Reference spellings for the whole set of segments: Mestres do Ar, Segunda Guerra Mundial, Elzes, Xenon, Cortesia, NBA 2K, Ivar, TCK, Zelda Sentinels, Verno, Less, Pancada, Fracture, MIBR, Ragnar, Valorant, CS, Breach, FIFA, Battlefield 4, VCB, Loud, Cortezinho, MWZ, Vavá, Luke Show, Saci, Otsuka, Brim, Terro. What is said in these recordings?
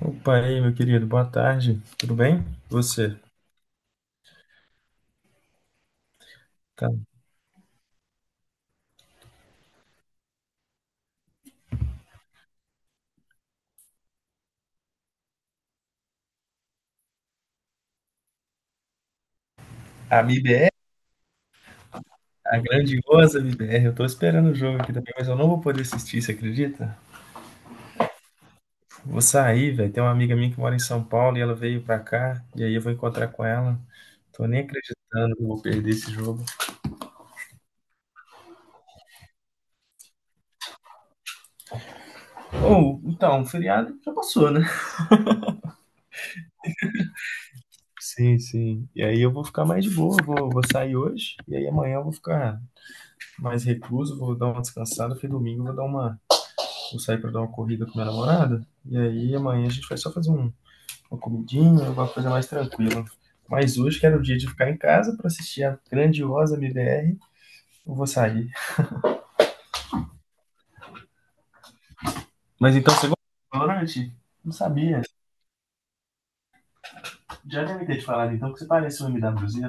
Opa, aí, meu querido, boa tarde. Tudo bem? Você? Tá. A MIBR, a grandiosa MIBR, eu tô esperando o jogo aqui também, mas eu não vou poder assistir, você acredita? Vou sair, velho. Tem uma amiga minha que mora em São Paulo e ela veio pra cá, e aí eu vou encontrar com ela. Tô nem acreditando que eu vou perder esse jogo. Ou, então, o feriado já passou, né? Sim, sim. E aí eu vou ficar mais de boa, vou sair hoje, e aí amanhã eu vou ficar mais recluso, vou dar uma descansada, porque domingo eu vou sair pra dar uma corrida com minha namorada. E aí amanhã a gente vai só fazer uma comidinha, uma coisa mais tranquila. Mas hoje, que era o dia de ficar em casa pra assistir a grandiosa MBR, eu vou sair. Mas então você gosta de Valorant? Não sabia. Já deve ter te falado então que você parece um MWZ.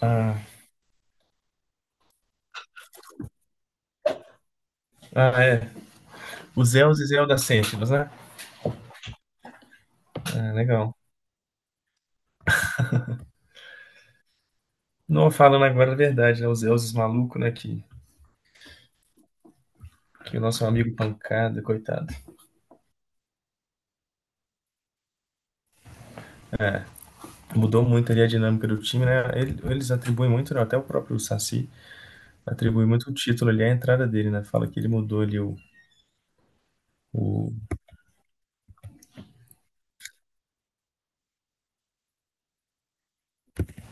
Ah, ah, é. Os Elzes e Zelda Sentinels, né? Ah, legal. Não, falando agora a verdade, né? Os Elzes maluco, né? Que, o nosso amigo Pancada, coitado. Mudou muito ali a dinâmica do time, né? Eles atribuem muito, né? Até o próprio Saci atribui muito o título ali à entrada dele, né? Fala que ele mudou ali o...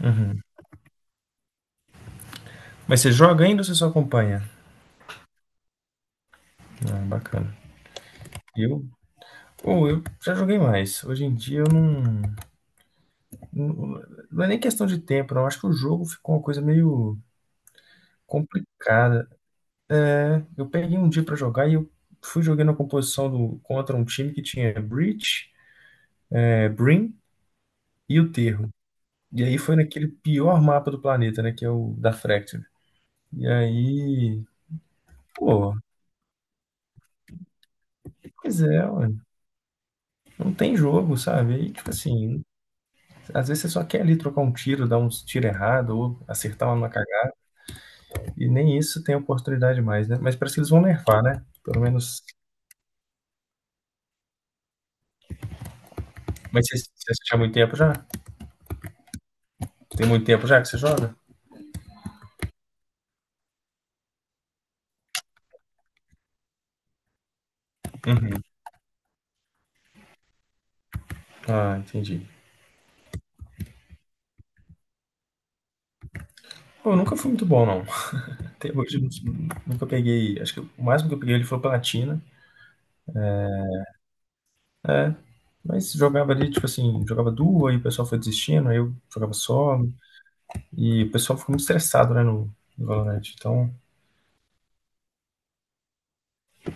Uhum. Mas você joga ainda ou você só acompanha? Ah, bacana. Eu, pô, eu já joguei mais. Hoje em dia eu não, não. Não é nem questão de tempo, não. Eu acho que o jogo ficou uma coisa meio complicada. Né? Eu peguei um dia pra jogar e eu fui jogando a composição contra um time que tinha Breach, Brim e o Terro. E aí foi naquele pior mapa do planeta, né? Que é o da Fracture. E aí. Pô, pois é, ué. Não tem jogo, sabe? E tipo assim, às vezes você só quer ali trocar um tiro, dar uns tiro errado ou acertar uma numa cagada, e nem isso tem oportunidade mais, né? Mas parece que eles vão nerfar, né? Pelo menos. Mas você assiste há muito tempo já? Tem muito tempo já que você joga? Uhum. Ah, entendi. Pô, eu nunca fui muito bom, não. Até hoje eu nunca peguei. Acho que o máximo que eu peguei ele foi platina, né? Mas jogava ali, tipo assim, jogava duo, aí o pessoal foi desistindo, aí eu jogava solo, e o pessoal ficou muito estressado, né, no Valorant. Então.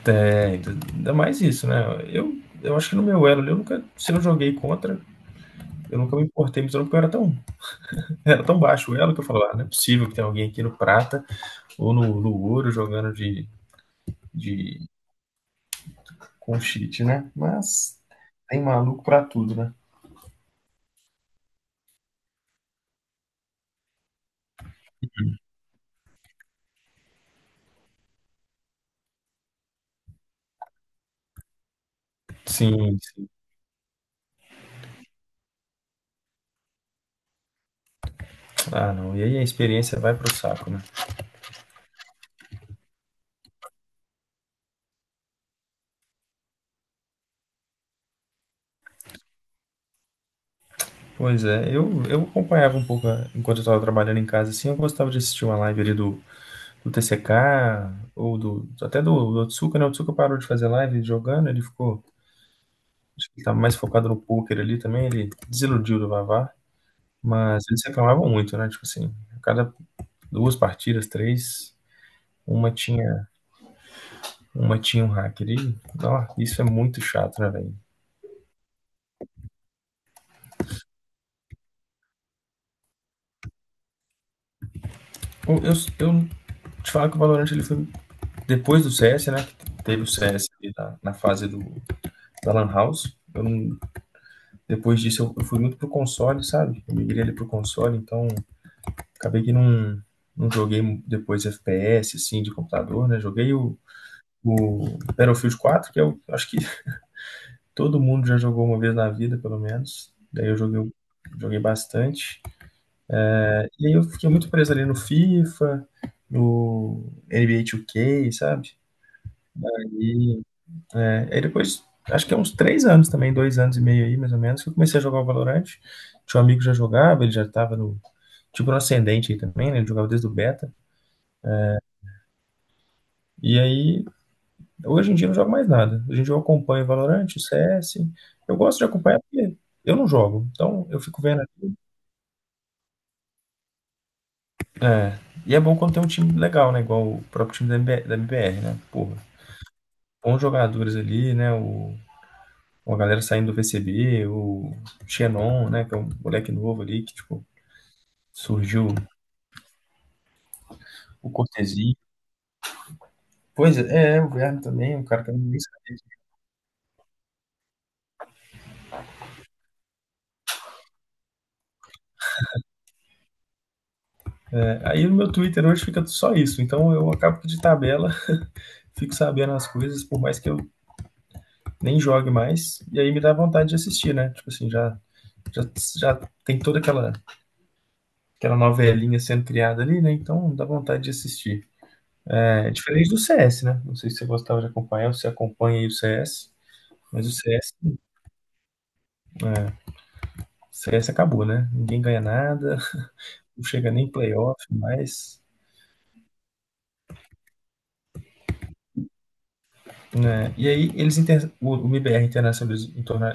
Tem, ainda mais isso, né? Eu, eu acho que no meu elo ali, eu nunca, se eu joguei contra, eu nunca me importei, mas eu não, porque eu era tão baixo o elo que eu falava, ah, não é possível que tenha alguém aqui no prata ou no ouro jogando de com cheat, né? Mas tem maluco pra tudo, né? Sim, sim. Ah, não. E aí a experiência vai pro saco, né? Pois é, eu acompanhava um pouco enquanto eu tava trabalhando em casa, assim, eu gostava de assistir uma live ali do TCK, ou até do Otsuka, né? O Otsuka parou de fazer live jogando, ele ficou, acho que ele tá mais focado no poker ali também, ele desiludiu do Vavá, mas eles reclamavam muito, né? Tipo assim, a cada duas partidas, três, uma tinha uma tinha um hacker e, ó, isso é muito chato, né, velho? Eu, eu, te falo que o Valorant ele foi depois do CS, né? Teve o CS ali na fase da Lan House. Eu depois disso eu fui muito pro console, sabe? Eu migrei ali pro console, então acabei que não joguei depois FPS, assim, de computador, né? Joguei o Battlefield 4, que eu acho que todo mundo já jogou uma vez na vida, pelo menos. Daí eu joguei bastante. E aí eu fiquei muito preso ali no FIFA, no NBA 2K, sabe? E aí depois, acho que é uns 3 anos também, 2 anos e meio aí, mais ou menos, que eu comecei a jogar o Valorant. Tinha um amigo que já jogava, ele já tava tipo, no ascendente aí também, né? Ele jogava desde o beta. E aí hoje em dia eu não jogo mais nada. Hoje em dia eu acompanho o Valorant, o CS. Eu gosto de acompanhar porque eu não jogo. Então eu fico vendo. É. E é bom quando tem um time legal, né? Igual o próprio time da MBR, né? Porra. Bons jogadores ali, né? Uma galera saindo do VCB, o Xenon, né? Que é um moleque novo ali que, tipo, surgiu. O Cortezinho. Pois é, o Verno também, um cara que eu nem sabia. Aí no meu Twitter hoje fica só isso. Então eu acabo que de tabela fico sabendo as coisas, por mais que eu nem jogue mais, e aí me dá vontade de assistir, né? Tipo assim, já, já tem toda aquela novelinha sendo criada ali, né? Então dá vontade de assistir. É diferente do CS, né? Não sei se você gostava de acompanhar ou se acompanha aí o CS, mas o CS, é, CS acabou, né? Ninguém ganha nada, não chega nem playoff mais. Né? E aí o MBR internacionalizou,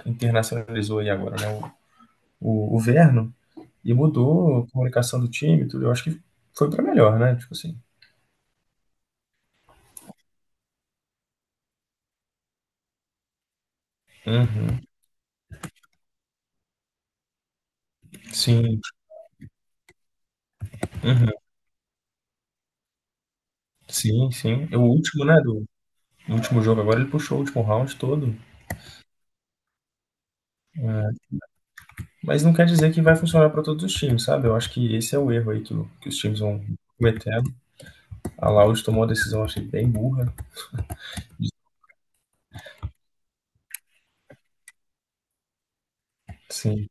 aí agora, né? O Verno e mudou a comunicação do time, tudo. Eu acho que foi para melhor, né? Tipo assim. Uhum. Sim, uhum. Sim, sim. É. O último, né, do o último jogo agora, ele puxou o último round todo. É. Mas não quer dizer que vai funcionar para todos os times, sabe? Eu acho que esse é o erro aí que, que os times vão cometendo. A Loud tomou uma decisão, achei bem burra. Sim,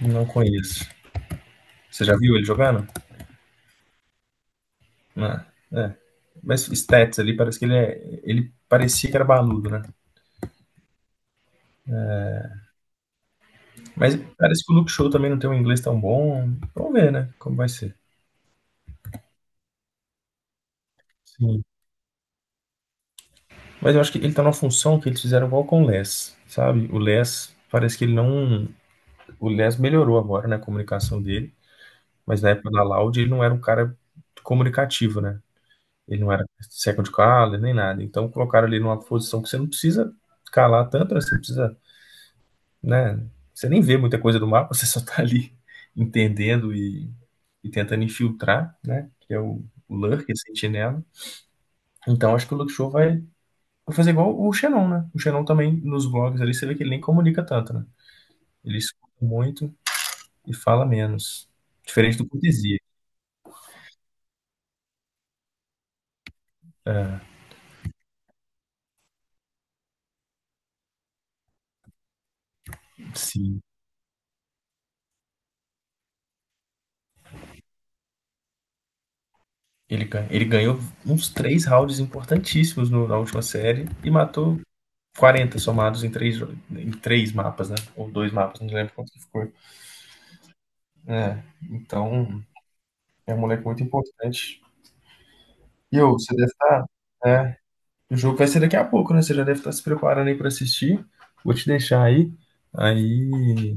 não conheço. Você já viu ele jogando? Ah, é. Mas stats ali, parece que ele é. Ele parecia que era baludo, né? Mas parece que o Luke Show também não tem um inglês tão bom. Vamos ver, né? Como vai ser. Sim. Mas eu acho que ele tá numa função que eles fizeram igual com o Less, sabe? O Less, parece que ele não. O Less melhorou agora, né, a comunicação dele, mas na época da Loud ele não era um cara comunicativo, né? Ele não era second caller nem nada. Então colocaram ele numa posição que você não precisa calar tanto, né? Você precisa, né? Você nem vê muita coisa do mapa, você só tá ali entendendo e tentando infiltrar, né? Que é o Lurk, esse sentinela. Então acho que o Luke Show vai, Vou fazer igual o Xenon, né? O Xenon também, nos vlogs ali, você vê que ele nem comunica tanto, né? Ele escuta muito e fala menos. Diferente do Cortesia. Sim. Ele ganhou uns três rounds importantíssimos na última série e matou 40 somados em três, em três mapas, né? Ou dois mapas, não lembro quanto que ficou. É, então é um moleque muito importante. E ô, você deve estar. É, o jogo vai ser daqui a pouco, né? Você já deve estar se preparando aí para assistir. Vou te deixar aí. Aí,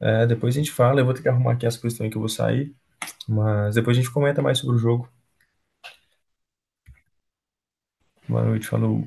Depois a gente fala, eu vou ter que arrumar aqui as coisas também que eu vou sair, mas depois a gente comenta mais sobre o jogo. Boa noite, falou.